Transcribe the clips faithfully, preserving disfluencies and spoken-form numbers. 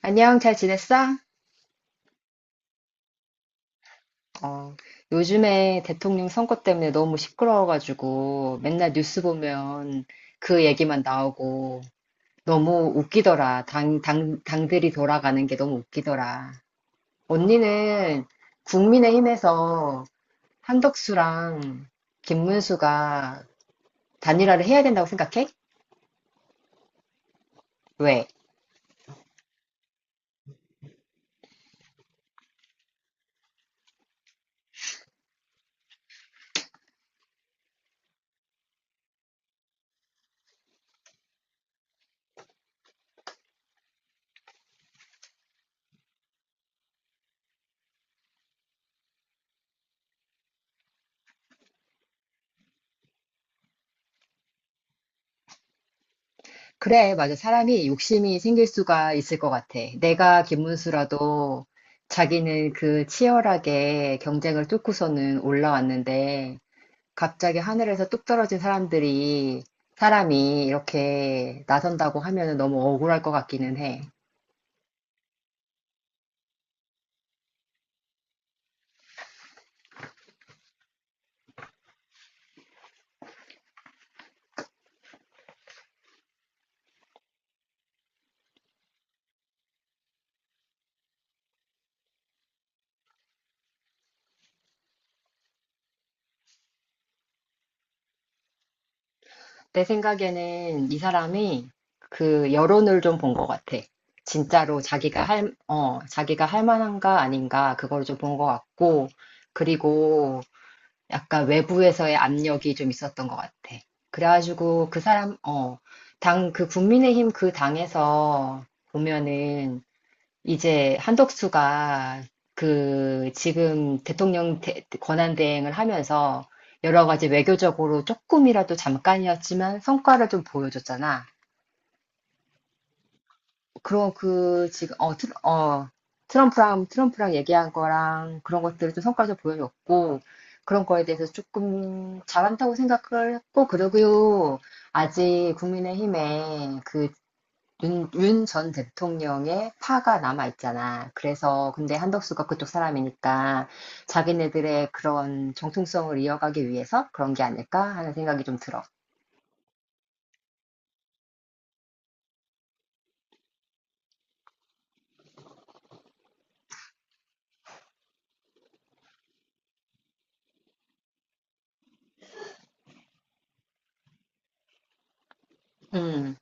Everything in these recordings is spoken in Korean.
안녕, 잘 지냈어? 어, 요즘에 대통령 선거 때문에 너무 시끄러워가지고 맨날 뉴스 보면 그 얘기만 나오고 너무 웃기더라. 당, 당, 당들이 돌아가는 게 너무 웃기더라. 언니는 국민의힘에서 한덕수랑 김문수가 단일화를 해야 된다고 생각해? 왜? 그래, 맞아. 사람이 욕심이 생길 수가 있을 것 같아. 내가 김문수라도 자기는 그 치열하게 경쟁을 뚫고서는 올라왔는데, 갑자기 하늘에서 뚝 떨어진 사람들이, 사람이 이렇게 나선다고 하면 너무 억울할 것 같기는 해. 내 생각에는 이 사람이 그 여론을 좀 본 것 같아. 진짜로 자기가 할, 어, 자기가 할 만한가 아닌가, 그걸 좀 본 것 같고, 그리고 약간 외부에서의 압력이 좀 있었던 것 같아. 그래가지고 그 사람, 어, 당, 그 국민의힘 그 당에서 보면은 이제 한덕수가 그 지금 대통령 대- 권한대행을 하면서 여러 가지 외교적으로 조금이라도 잠깐이었지만 성과를 좀 보여줬잖아. 그럼 그 지금 어, 트럼, 어 트럼프랑 트럼프랑 얘기한 거랑 그런 것들을 좀 성과를 좀 보여줬고 그런 거에 대해서 조금 잘한다고 생각을 했고 그러고요 아직 국민의힘에 그윤윤 전 대통령의 파가 남아 있잖아. 그래서 근데 한덕수가 그쪽 사람이니까 자기네들의 그런 정통성을 이어가기 위해서 그런 게 아닐까 하는 생각이 좀 들어. 음,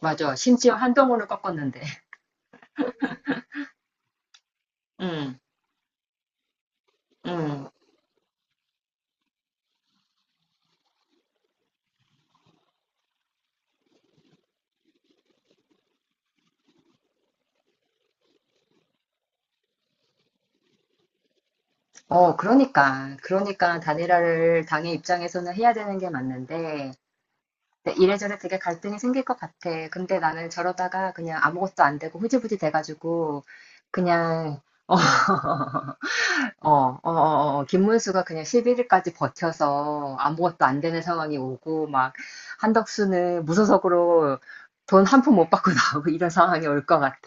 맞아. 심지어 한동훈을 꺾었는데. 음, 음. 어, 그러니까. 그러니까 단일화를 당의 입장에서는 해야 되는 게 맞는데, 근데 이래저래 되게 갈등이 생길 것 같아. 근데 나는 저러다가 그냥 아무것도 안 되고 흐지부지 돼가지고, 그냥, 어, 어, 어, 어, 어, 김문수가 그냥 십일 일까지 버텨서 아무것도 안 되는 상황이 오고, 막, 한덕수는 무소속으로 돈 한 푼 못 받고 나오고 이런 상황이 올 것 같아.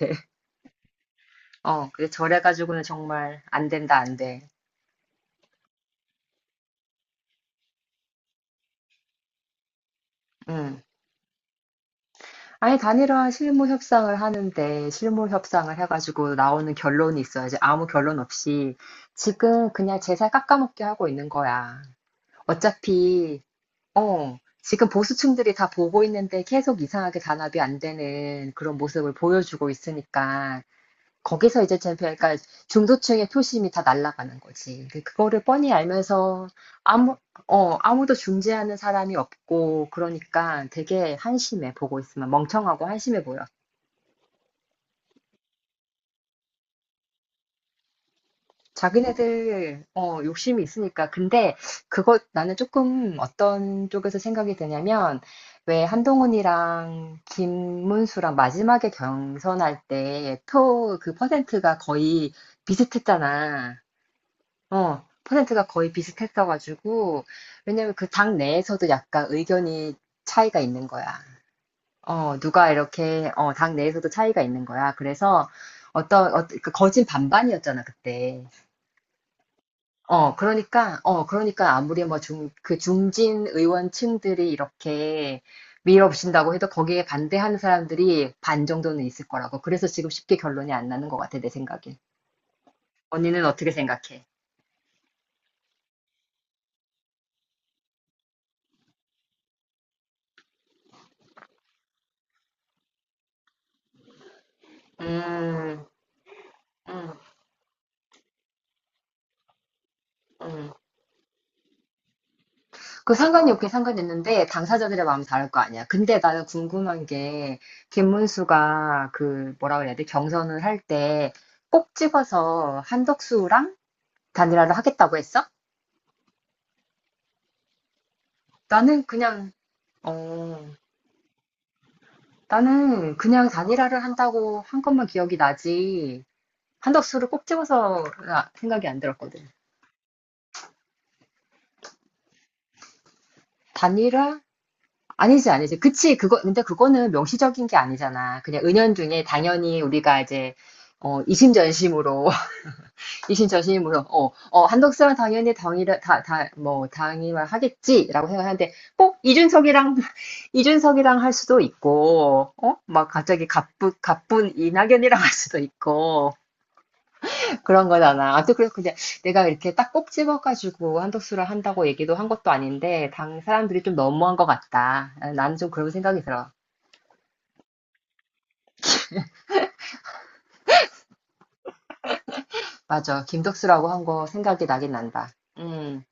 어, 그래서 저래가지고는 정말 안 된다, 안 돼. 음. 아니, 단일화 실무 협상을 하는데, 실무 협상을 해가지고 나오는 결론이 있어야지. 아무 결론 없이. 지금 그냥 제살 깎아먹게 하고 있는 거야. 어차피, 어, 지금 보수층들이 다 보고 있는데 계속 이상하게 단합이 안 되는 그런 모습을 보여주고 있으니까. 거기서 이제 챔피언 그러니까 중도층의 표심이 다 날아가는 거지. 근데 그거를 뻔히 알면서 아무 어 아무도 중재하는 사람이 없고 그러니까 되게 한심해 보고 있으면 멍청하고 한심해 보여. 자기네들 어 욕심이 있으니까 근데 그거 나는 조금 어떤 쪽에서 생각이 드냐면 왜 한동훈이랑 김문수랑 마지막에 경선할 때 표 그 퍼센트가 거의 비슷했잖아. 어, 퍼센트가 거의 비슷했어가지고, 왜냐면 그 당 내에서도 약간 의견이 차이가 있는 거야. 어, 누가 이렇게, 어, 당 내에서도 차이가 있는 거야. 그래서 어떤, 어, 그 거진 반반이었잖아, 그때. 어, 그러니까, 어, 그러니까 아무리 뭐 중, 그 중진 의원층들이 이렇게 밀어붙인다고 해도 거기에 반대하는 사람들이 반 정도는 있을 거라고. 그래서 지금 쉽게 결론이 안 나는 것 같아, 내 생각엔. 언니는 어떻게 생각해? 음, 음, 음. 그 상관이 없긴 상관있는데 당사자들의 마음이 다를 거 아니야. 근데 나는 궁금한 게 김문수가 그 뭐라 그래야 돼? 경선을 할 때 꼭 찍어서 한덕수랑 단일화를 하겠다고 했어? 나는 그냥 어 나는 그냥 단일화를 한다고 한 것만 기억이 나지 한덕수를 꼭 찍어서 나- 생각이 안 들었거든. 단일화? 아니지, 아니지. 그치, 그거, 근데 그거는 명시적인 게 아니잖아. 그냥 은연중에 당연히 우리가 이제, 어, 이심전심으로 이신 저신이 뭐요? 어, 어 한덕수랑 당연히 당이라 다다뭐 당이만 하겠지라고 생각하는데 꼭 이준석이랑 이준석이랑 할 수도 있고 어막 갑자기 가쁜 가쁜 이낙연이랑 할 수도 있고 그런 거잖아. 아무튼 그래서 그냥 내가 이렇게 딱 꼭 집어가지고 한덕수랑 한다고 얘기도 한 것도 아닌데 당 사람들이 좀 너무한 것 같다. 나는 좀 그런 생각이 들어. 맞아. 김덕수라고 한 거 생각이 나긴 난다. 음.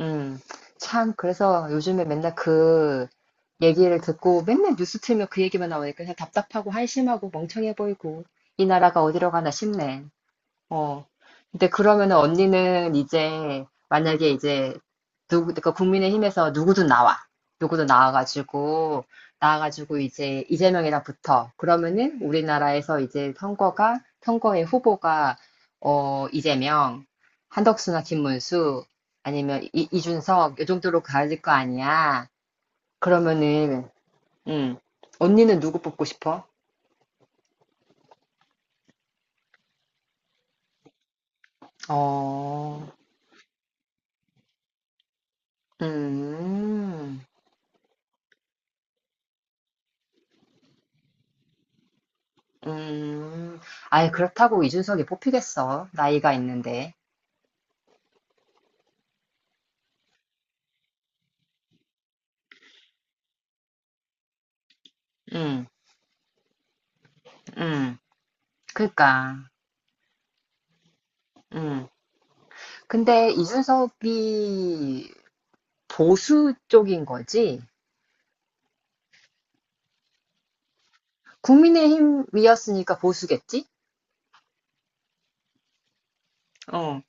음, 참, 그래서 요즘에 맨날 그 얘기를 듣고 맨날 뉴스 틀면 그 얘기만 나오니까 그냥 답답하고 한심하고 멍청해 보이고 이 나라가 어디로 가나 싶네. 어. 근데 그러면은 언니는 이제 만약에 이제 누구 그러니까 국민의힘에서 누구든 나와. 누구든 나와가지고 나와가지고 이제 이재명이랑 붙어. 그러면은 우리나라에서 이제 선거가 선거의 후보가 어 이재명, 한덕수나 김문수 아니면 이, 이준석 요 정도로 가질 거 아니야. 그러면은 음 언니는 누구 뽑고 싶어? 어. 음. 음, 아예 그렇다고 이준석이 뽑히겠어. 나이가 있는데. 음, 음, 그니까. 음. 근데 이준석이 보수 쪽인 거지? 국민의힘이었으니까 보수겠지? 어.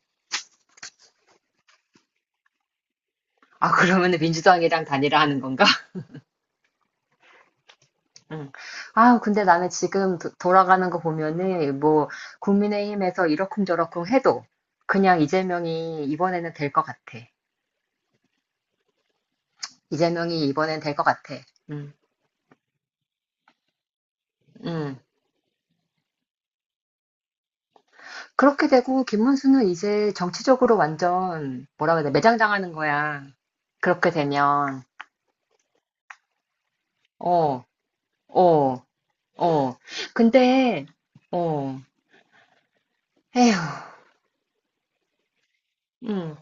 아, 그러면은 민주당이랑 단일화 하는 건가? 응. 아, 근데 나는 지금 도- 돌아가는 거 보면은 뭐 국민의힘에서 이러쿵저러쿵 해도 그냥 이재명이 이번에는 될 것 같아. 이재명이 이번엔 될 것 같아. 응, 응. 그렇게 되고 김문수는 이제 정치적으로 완전 뭐라 그래 매장당하는 거야. 그렇게 되면 어, 어, 어. 근데 어, 에휴, 음.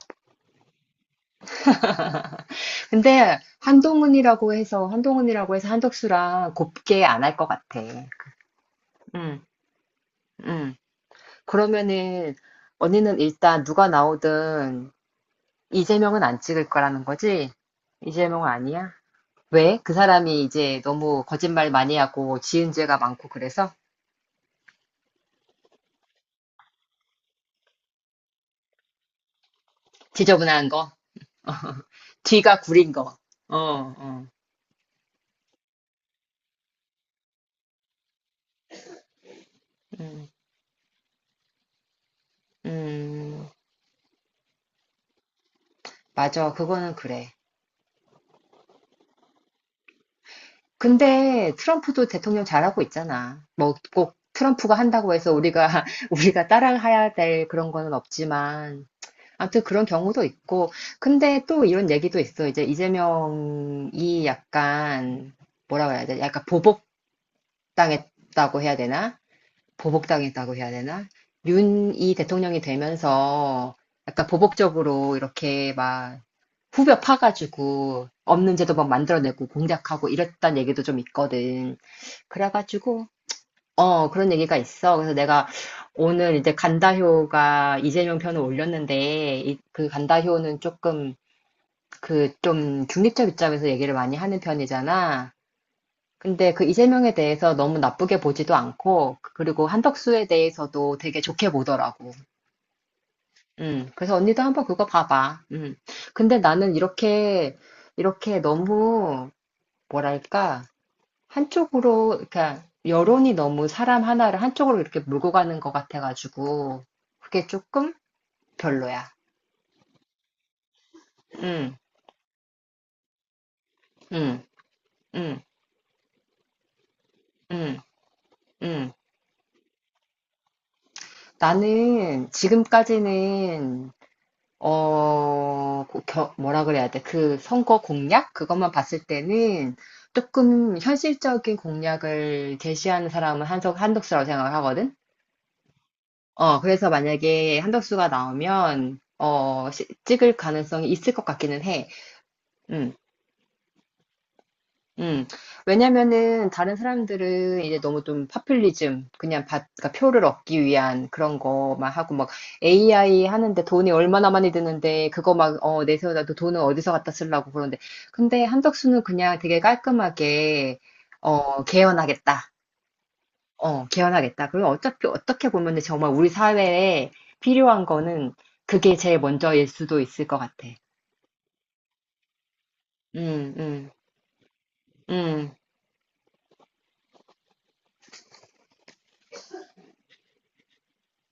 근데 한동훈이라고 해서 한동훈이라고 해서 한덕수랑 곱게 안 할 것 같아. 음, 음. 그러면은 언니는 일단 누가 나오든 이재명은 안 찍을 거라는 거지? 이재명은 아니야? 왜? 그 사람이 이제 너무 거짓말 많이 하고 지은 죄가 많고 그래서 지저분한 거, 뒤가 구린 거. 어, 어, 음, 음, 맞아. 그거는 그래. 근데 트럼프도 대통령 잘하고 있잖아. 뭐 꼭 트럼프가 한다고 해서 우리가 우리가 따라해야 될 그런 거는 없지만, 아무튼 그런 경우도 있고. 근데 또 이런 얘기도 있어. 이제 이재명이 약간 뭐라고 해야 돼? 약간 보복당했다고 해야 되나? 보복당했다고 해야 되나? 윤이 대통령이 되면서 약간 보복적으로 이렇게 막 후벼 파가지고 없는 제도 막 만들어내고 공작하고 이랬단 얘기도 좀 있거든. 그래가지고 어 그런 얘기가 있어. 그래서 내가 오늘 이제 간다효가 이재명 편을 올렸는데 이- 그 간다효는 조금 그 좀 중립적 입장에서 얘기를 많이 하는 편이잖아. 근데 그 이재명에 대해서 너무 나쁘게 보지도 않고, 그리고 한덕수에 대해서도 되게 좋게 보더라고. 음, 그래서 언니도 한번 그거 봐봐. 음. 근데 나는 이렇게, 이렇게 너무, 뭐랄까, 한쪽으로, 그러니까, 여론이 너무 사람 하나를 한쪽으로 이렇게 몰고 가는 것 같아가지고, 그게 조금 별로야. 음, 음, 음, 음, 음. 나는 지금까지는 어, 그 겨- 뭐라 그래야 돼? 그 선거 공약? 그것만 봤을 때는 조금 현실적인 공약을 제시하는 사람은 한석, 한덕수라고 생각을 하거든? 어, 그래서 만약에 한덕수가 나오면, 어, 시- 찍을 가능성이 있을 것 같기는 해. 음. 음. 왜냐면은 다른 사람들은 이제 너무 좀 파퓰리즘, 그냥 받, 그러니까 표를 얻기 위한 그런 거만 하고 막 에이아이 하는데 돈이 얼마나 많이 드는데 그거 막 어, 내세워놔도 돈은 어디서 갖다 쓰려고 그러는데 근데 한덕수는 그냥 되게 깔끔하게 어, 개헌하겠다. 어, 개헌하겠다. 그리고 어차피 어떻게 보면은 정말 우리 사회에 필요한 거는 그게 제일 먼저일 수도 있을 것 같아. 음, 음, 음.